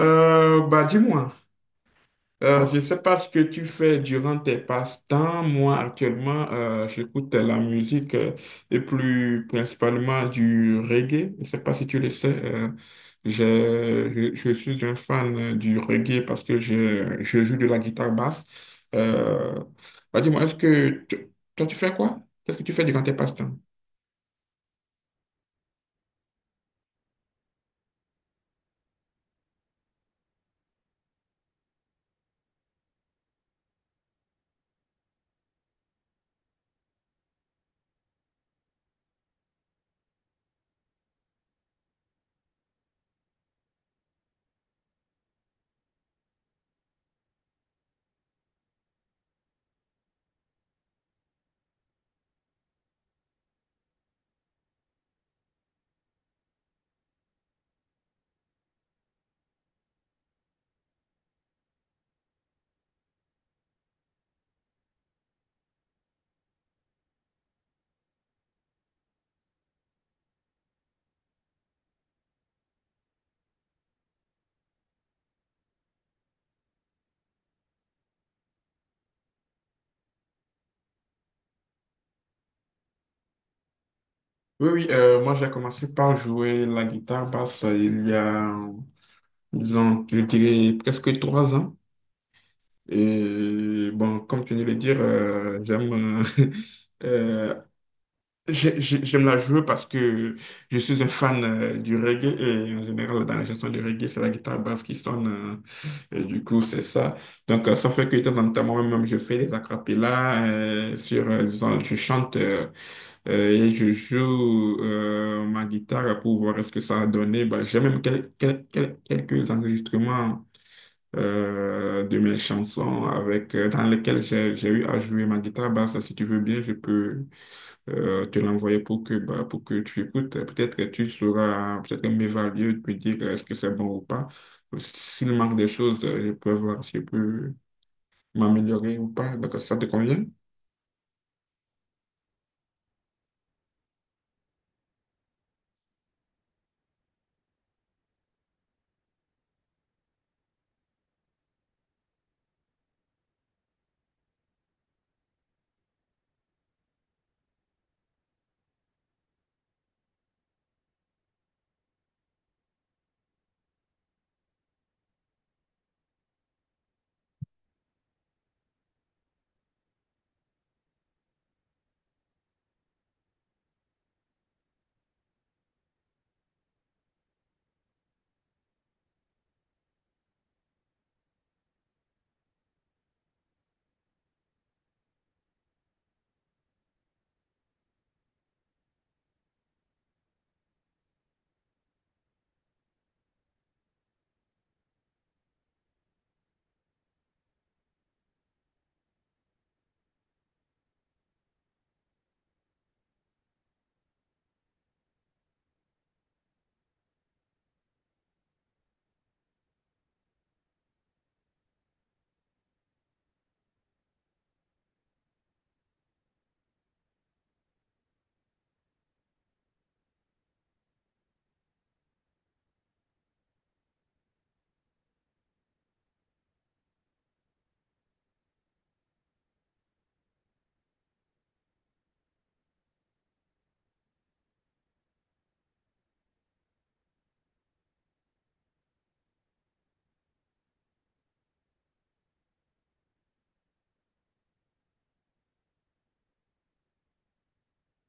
Dis-moi, je ne sais pas ce que tu fais durant tes passe-temps. Moi, actuellement, j'écoute la musique et plus principalement du reggae. Je ne sais pas si tu le sais. Je suis un fan du reggae parce que je joue de la guitare basse. Euh, dis-moi, toi, tu fais quoi? Qu'est-ce que tu fais durant tes passe-temps? Oui, oui, moi j'ai commencé par jouer la guitare basse il y a, disons, je dirais presque 3 ans. Et bon, comme tu viens de le dire, j'aime euh, j'aime la jouer parce que je suis un fan du reggae et en général, dans les chansons de reggae, c'est la guitare basse qui sonne. Et du coup, c'est ça. Donc, ça fait que de temps en temps, moi-même, je fais des acapellas sur, disons, je chante et je joue ma guitare pour voir ce que ça a donné. Bah, j'ai même quelques enregistrements de mes chansons avec, dans lesquelles j'ai eu à jouer ma guitare basse. Si tu veux bien, je peux te l'envoyer pour que, bah, pour que tu écoutes. Peut-être que tu sauras peut-être m'évaluer, me dire est-ce que c'est bon ou pas. S'il manque des choses, je peux voir si je peux m'améliorer ou pas. Donc, ça te convient?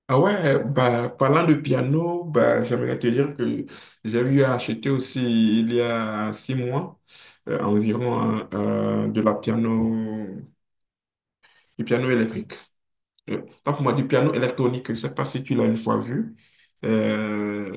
Ah ouais, bah, parlant de piano, bah, j'aimerais te dire que j'ai eu à acheter aussi il y a 6 mois environ de la piano du piano électrique. Toi, pour moi, du piano électronique, je ne sais pas si tu l'as une fois vu. Euh,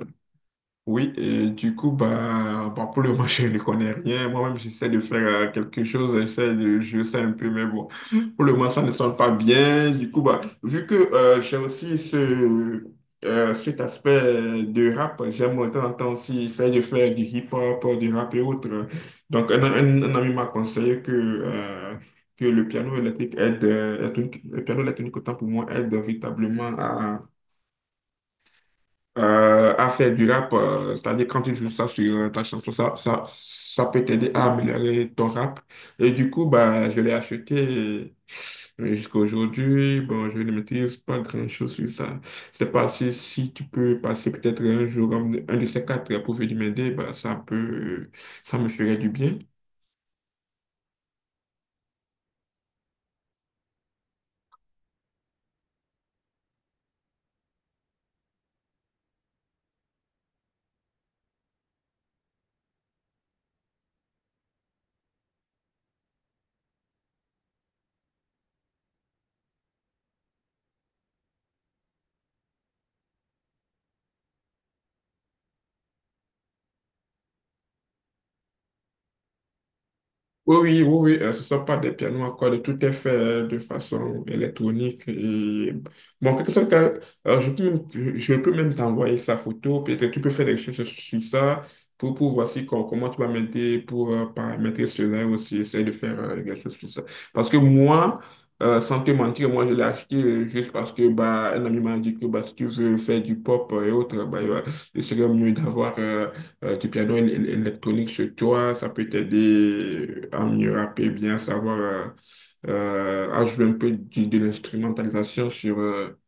oui, et du coup, bah, bah, pour le moment, je ne connais rien. Moi-même, j'essaie de faire quelque chose, j'essaie de je sais un peu, mais bon, pour le moment, ça ne sonne pas bien. Du coup, bah, vu que j'ai aussi cet aspect de rap, j'aime de temps en temps aussi essayer de faire du hip-hop, du rap et autres. Donc, un ami m'a conseillé que, le piano électronique, autant pour moi, aide véritablement à faire du rap, c'est-à-dire quand tu joues ça sur ta chanson, ça peut t'aider à améliorer ton rap. Et du coup, bah, je l'ai acheté et jusqu'à aujourd'hui. Bon, je ne maîtrise pas grand-chose sur ça. Je sais pas si, si tu peux passer peut-être un jour, un de ces quatre, pour venir m'aider, ça me ferait du bien. Oui, ce ne sont pas des pianos à cordes, tout est fait de façon électronique. Et... Bon, en quelque sorte, je peux même t'envoyer sa photo, peut-être tu peux faire des recherches sur ça pour voir si, comment tu vas m'aider pour paramétrer cela aussi, essayer de faire quelque chose sur ça. Parce que moi, sans te mentir, moi je l'ai acheté juste parce que bah, un ami m'a dit que bah, si tu veux faire du pop et autres, il serait mieux d'avoir du piano électronique chez toi, ça peut t'aider à mieux rapper, bien savoir à jouer un peu l'instrumentalisation sur euh,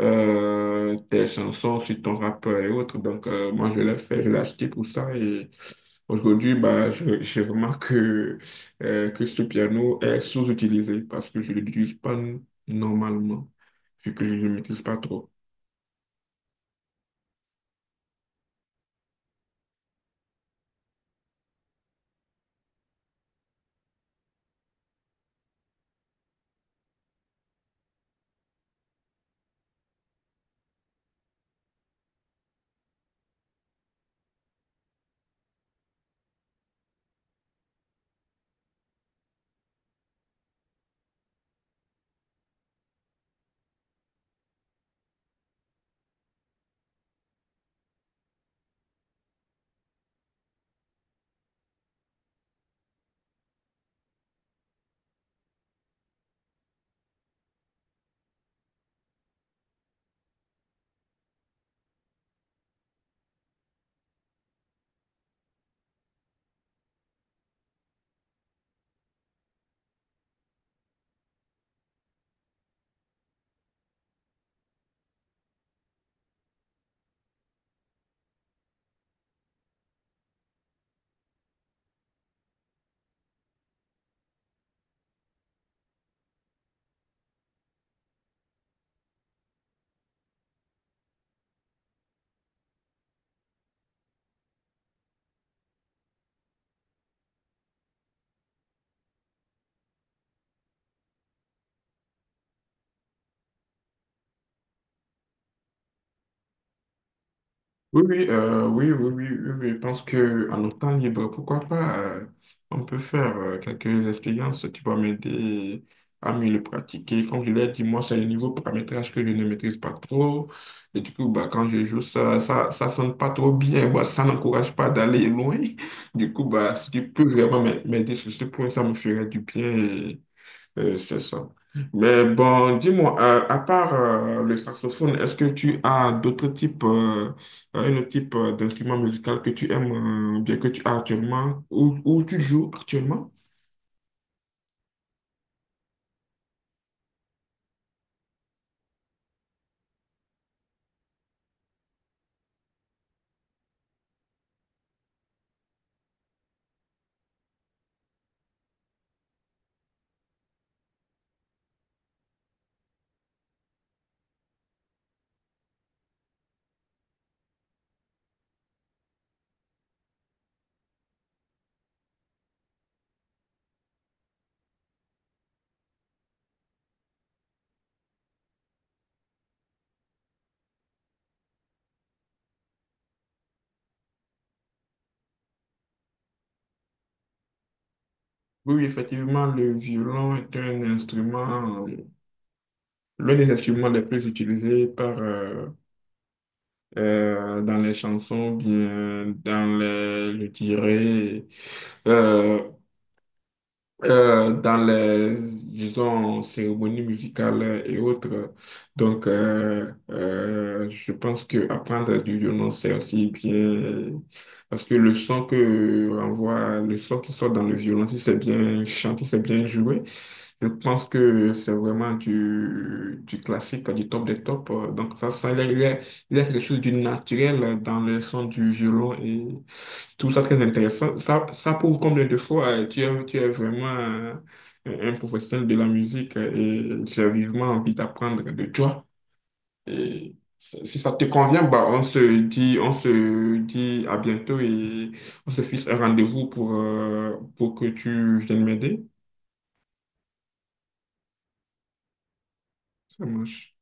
euh, tes chansons, sur ton rap et autres. Donc, moi, je l'ai acheté pour ça. Et aujourd'hui, bah, je remarque que ce piano est sous-utilisé parce que je ne l'utilise pas normalement, vu que je ne le maîtrise pas trop. Oui, oui, je pense que en notre temps libre, pourquoi pas, on peut faire quelques expériences tu vont m'aider à mieux le pratiquer. Comme je l'ai dit, moi, c'est le niveau paramétrage que je ne maîtrise pas trop. Et du coup, bah, quand je joue, ça sonne pas trop bien. Bah, ça n'encourage pas d'aller loin. Du coup, bah, si tu peux vraiment m'aider sur ce point, ça me ferait du bien. C'est ça. Mais bon, dis-moi, à part le saxophone, est-ce que tu as d'autres types, un autre type d'instrument musical que tu aimes bien, que tu as actuellement ou tu joues actuellement? Oui, oui, effectivement, le violon est un instrument, l'un des instruments les plus utilisés par, dans les chansons, bien dans les, je dirais, euh, dans les, disons, cérémonies musicales et autres. Donc, je pense que apprendre du violon, c'est aussi bien, parce que le son que renvoie, le son qui sort dans le violon, si c'est bien chanté, c'est bien joué, je pense que c'est vraiment du classique, du top des tops. Donc, il y a quelque chose de naturel dans le son du violon tout ça très intéressant. Ça prouve combien de fois tu es vraiment un professionnel de la musique et j'ai vivement envie d'apprendre de toi. Et si si ça te convient, bah, on se dit à bientôt et on se fixe un rendez-vous pour que tu viennes m'aider. Ça marche.